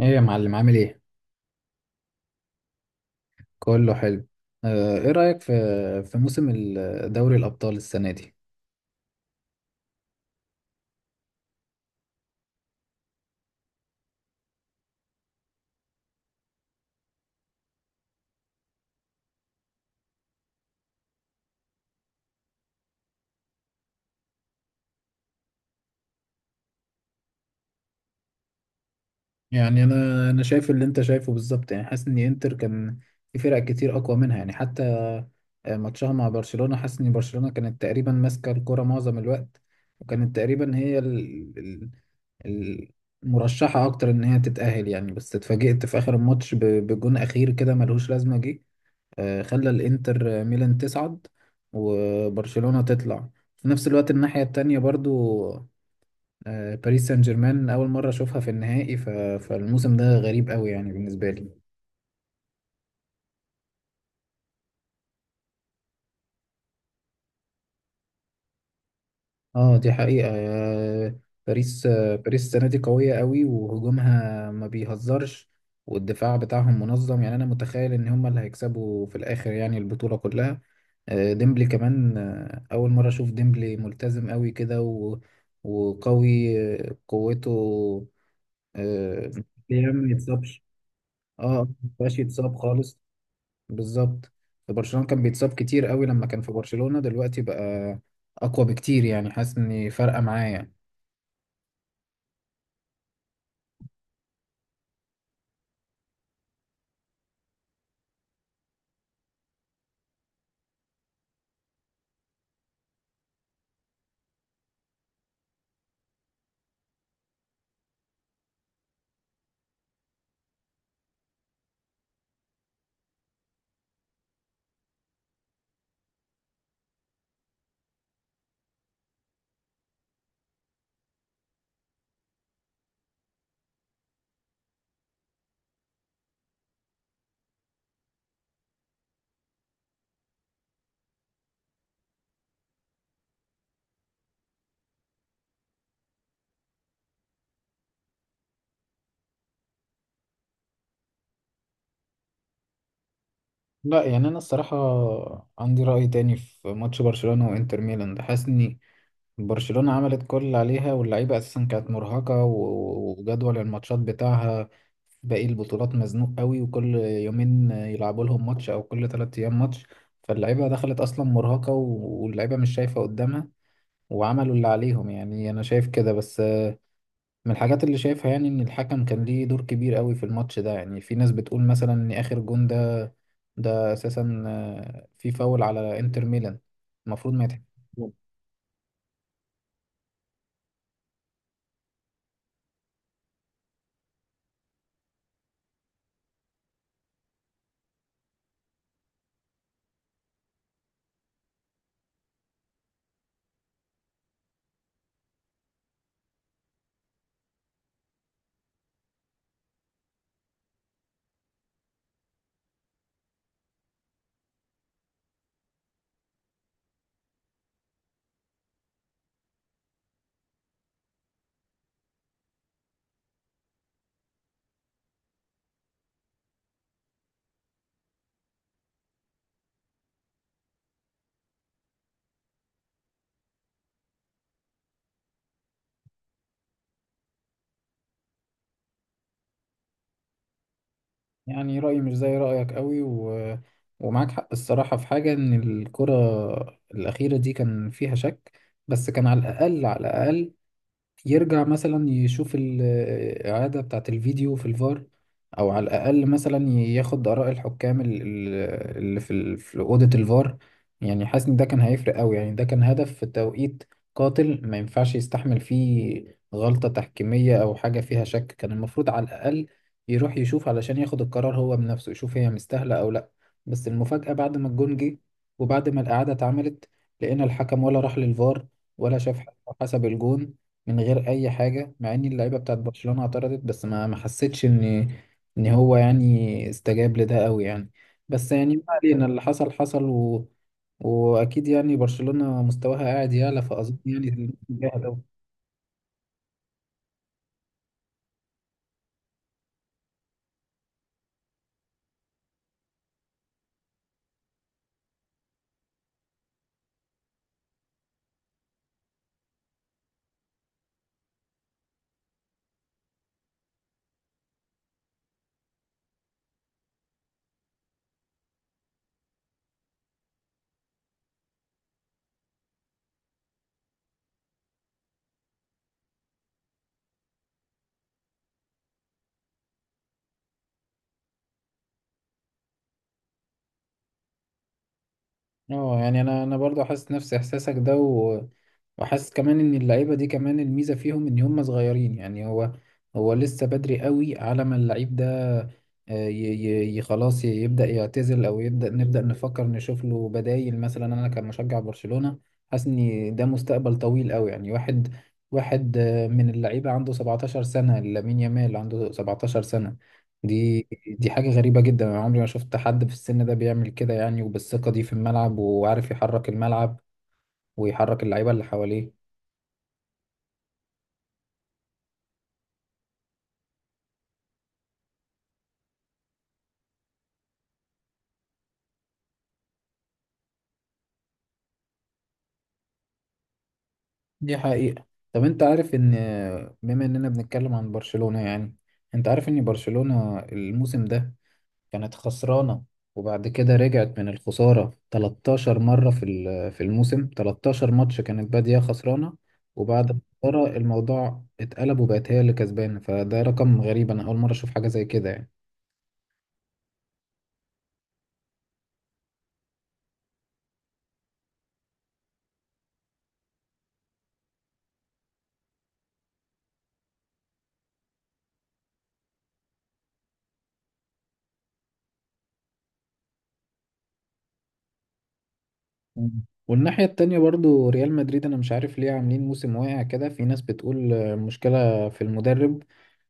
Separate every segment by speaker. Speaker 1: ايه يا معلم عامل ايه؟ كله حلو. ايه رأيك في موسم دوري الأبطال السنة دي؟ يعني انا شايف اللي انت شايفه بالظبط، يعني حاسس ان انتر كان في فرق كتير اقوى منها. يعني حتى ماتشها مع برشلونة، حاسس ان برشلونة كانت تقريبا ماسكة الكرة معظم الوقت، وكانت تقريبا هي ال- المرشحة اكتر ان هي تتأهل. يعني بس اتفاجئت في اخر الماتش بجون اخير كده ملهوش لازمة، جه خلى الانتر ميلان تصعد وبرشلونة تطلع. في نفس الوقت الناحية التانية برضو، باريس سان جيرمان أول مرة أشوفها في النهائي. ف... فالموسم ده غريب قوي يعني بالنسبة لي. اه دي حقيقة. باريس السنة دي قوية قوي وهجومها ما بيهزرش، والدفاع بتاعهم منظم. يعني انا متخيل ان هم اللي هيكسبوا في الاخر يعني البطولة كلها. ديمبلي كمان، اول مرة اشوف ديمبلي ملتزم قوي كده وقوي. قوته آه، يعني ما يتصابش. اه مبقاش يتصاب خالص، بالظبط. في برشلونة كان بيتصاب كتير قوي لما كان في برشلونة، دلوقتي بقى اقوى بكتير، يعني حاسس اني فارقة معايا. لا يعني انا الصراحه عندي راي تاني في ماتش برشلونه وانتر ميلان ده. حاسس ان برشلونه عملت كل اللي عليها، واللعيبه اساسا كانت مرهقه، وجدول الماتشات بتاعها باقي البطولات مزنوق قوي، وكل يومين يلعبوا لهم ماتش او كل ثلاث ايام ماتش. فاللعيبه دخلت اصلا مرهقه، واللعيبه مش شايفه قدامها، وعملوا اللي عليهم. يعني انا شايف كده. بس من الحاجات اللي شايفها يعني ان الحكم كان ليه دور كبير قوي في الماتش ده. يعني في ناس بتقول مثلا ان اخر جون ده ده اساسا في فاول على انتر ميلان المفروض ما يتحسبش. يعني رأيي مش زي رأيك قوي، و... ومعاك حق الصراحة في حاجة، إن الكرة الأخيرة دي كان فيها شك. بس كان على الأقل، على الأقل، يرجع مثلا يشوف الإعادة بتاعة الفيديو في الفار، أو على الأقل مثلا ياخد آراء الحكام اللي في في أوضة الفار. يعني حاسس إن ده كان هيفرق أوي. يعني ده كان هدف في توقيت قاتل، ما ينفعش يستحمل فيه غلطة تحكيمية أو حاجة فيها شك. كان المفروض على الأقل يروح يشوف علشان ياخد القرار هو بنفسه، يشوف هي مستاهلة أو لأ. بس المفاجأة بعد ما الجون جه وبعد ما الإعادة اتعملت، لقينا الحكم ولا راح للفار ولا شاف، حسب الجون من غير اي حاجه. مع ان اللعيبه بتاعت برشلونه اعترضت، بس ما حسيتش ان ان هو يعني استجاب لده قوي يعني. بس يعني ما علينا، اللي حصل حصل. و... واكيد يعني برشلونه مستواها قاعد يعلى، فاظن يعني إن الجاهل أوي. اه يعني انا برضو حاسس نفس احساسك ده، و... وحاسس كمان ان اللعيبه دي كمان الميزه فيهم ان هم صغيرين. يعني هو هو لسه بدري قوي على ما اللعيب ده خلاص يبدا يعتزل او يبدا نبدا نفكر نشوف له بدايل. مثلا انا كمشجع برشلونه حاسس ان ده مستقبل طويل قوي. يعني واحد من اللعيبه عنده 17 سنه، لامين يامال عنده 17 سنه. دي دي حاجه غريبه جدا. انا عمري ما شفت حد في السن ده بيعمل كده، يعني وبالثقه دي في الملعب، وعارف يحرك الملعب ويحرك اللعيبه اللي حواليه. دي حقيقة. طب انت عارف ان، بما اننا بنتكلم عن برشلونة يعني، انت عارف ان برشلونة الموسم ده كانت خسرانة وبعد كده رجعت من الخسارة 13 مرة في في الموسم؟ 13 ماتش كانت بادية خسرانة وبعد الخسارة الموضوع اتقلب وبقت هي اللي كسبانة. فده رقم غريب، انا اول مرة اشوف حاجة زي كده يعني. مم. والناحية التانية برضو ريال مدريد، أنا مش عارف ليه عاملين موسم واقع كده. في ناس بتقول مشكلة في المدرب،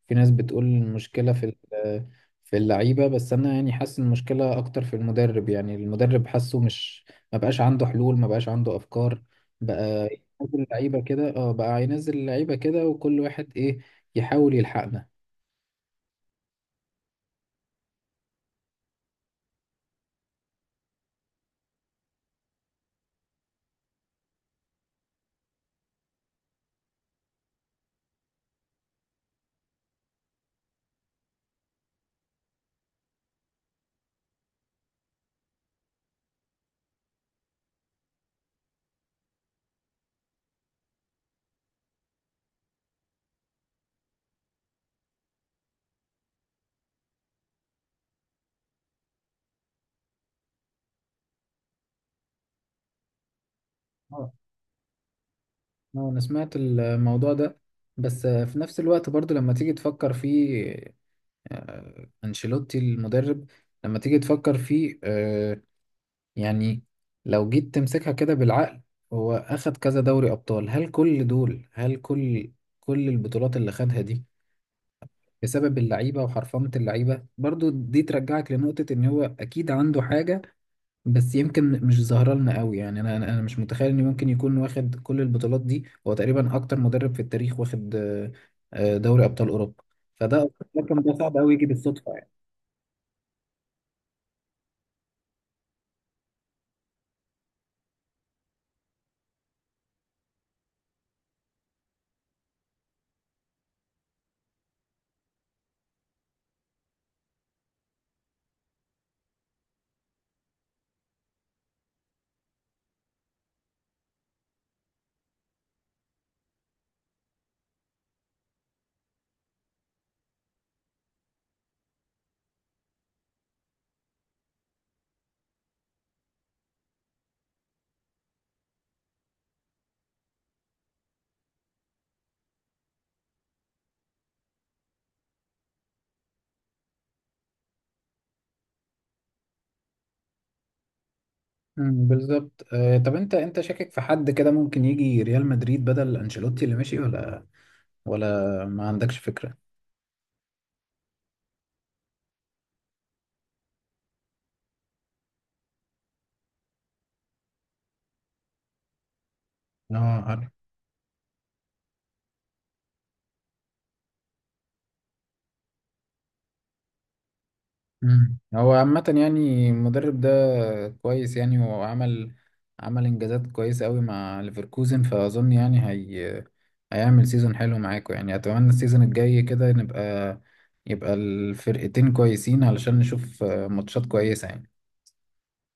Speaker 1: في ناس بتقول المشكلة في في اللعيبة. بس أنا يعني حاسس إن المشكلة أكتر في المدرب. يعني المدرب حاسه مش، ما بقاش عنده حلول ما بقاش عنده أفكار، بقى ينزل اللعيبة كده. اه بقى ينزل اللعيبة كده وكل واحد إيه، يحاول يلحقنا. اه أنا سمعت الموضوع ده، بس في نفس الوقت برضو لما تيجي تفكر فيه، أنشيلوتي المدرب، لما تيجي تفكر فيه يعني، لو جيت تمسكها كده بالعقل، هو أخد كذا دوري أبطال. هل كل دول، هل كل، كل البطولات اللي خدها دي بسبب اللعيبة وحرفنة اللعيبة؟ برضو دي ترجعك لنقطة إن هو أكيد عنده حاجة بس يمكن مش ظاهرة لنا قوي. يعني أنا مش متخيل إن ممكن يكون واخد كل البطولات دي. هو تقريبا أكتر مدرب في التاريخ واخد دوري أبطال أوروبا، فده، لكن ده صعب قوي يجي بالصدفة. مم، بالظبط. طب انت شاكك في حد كده ممكن يجي ريال مدريد بدل انشيلوتي اللي مشي، ولا ولا ما عندكش فكرة؟ اه عارف. مم. هو عامة يعني المدرب ده كويس يعني، وعمل عمل انجازات كويسة قوي مع ليفركوزن. فاظن يعني هي هيعمل سيزون حلو معاكم. يعني اتمنى السيزون الجاي كده نبقى، يبقى الفرقتين كويسين علشان نشوف ماتشات كويسة يعني.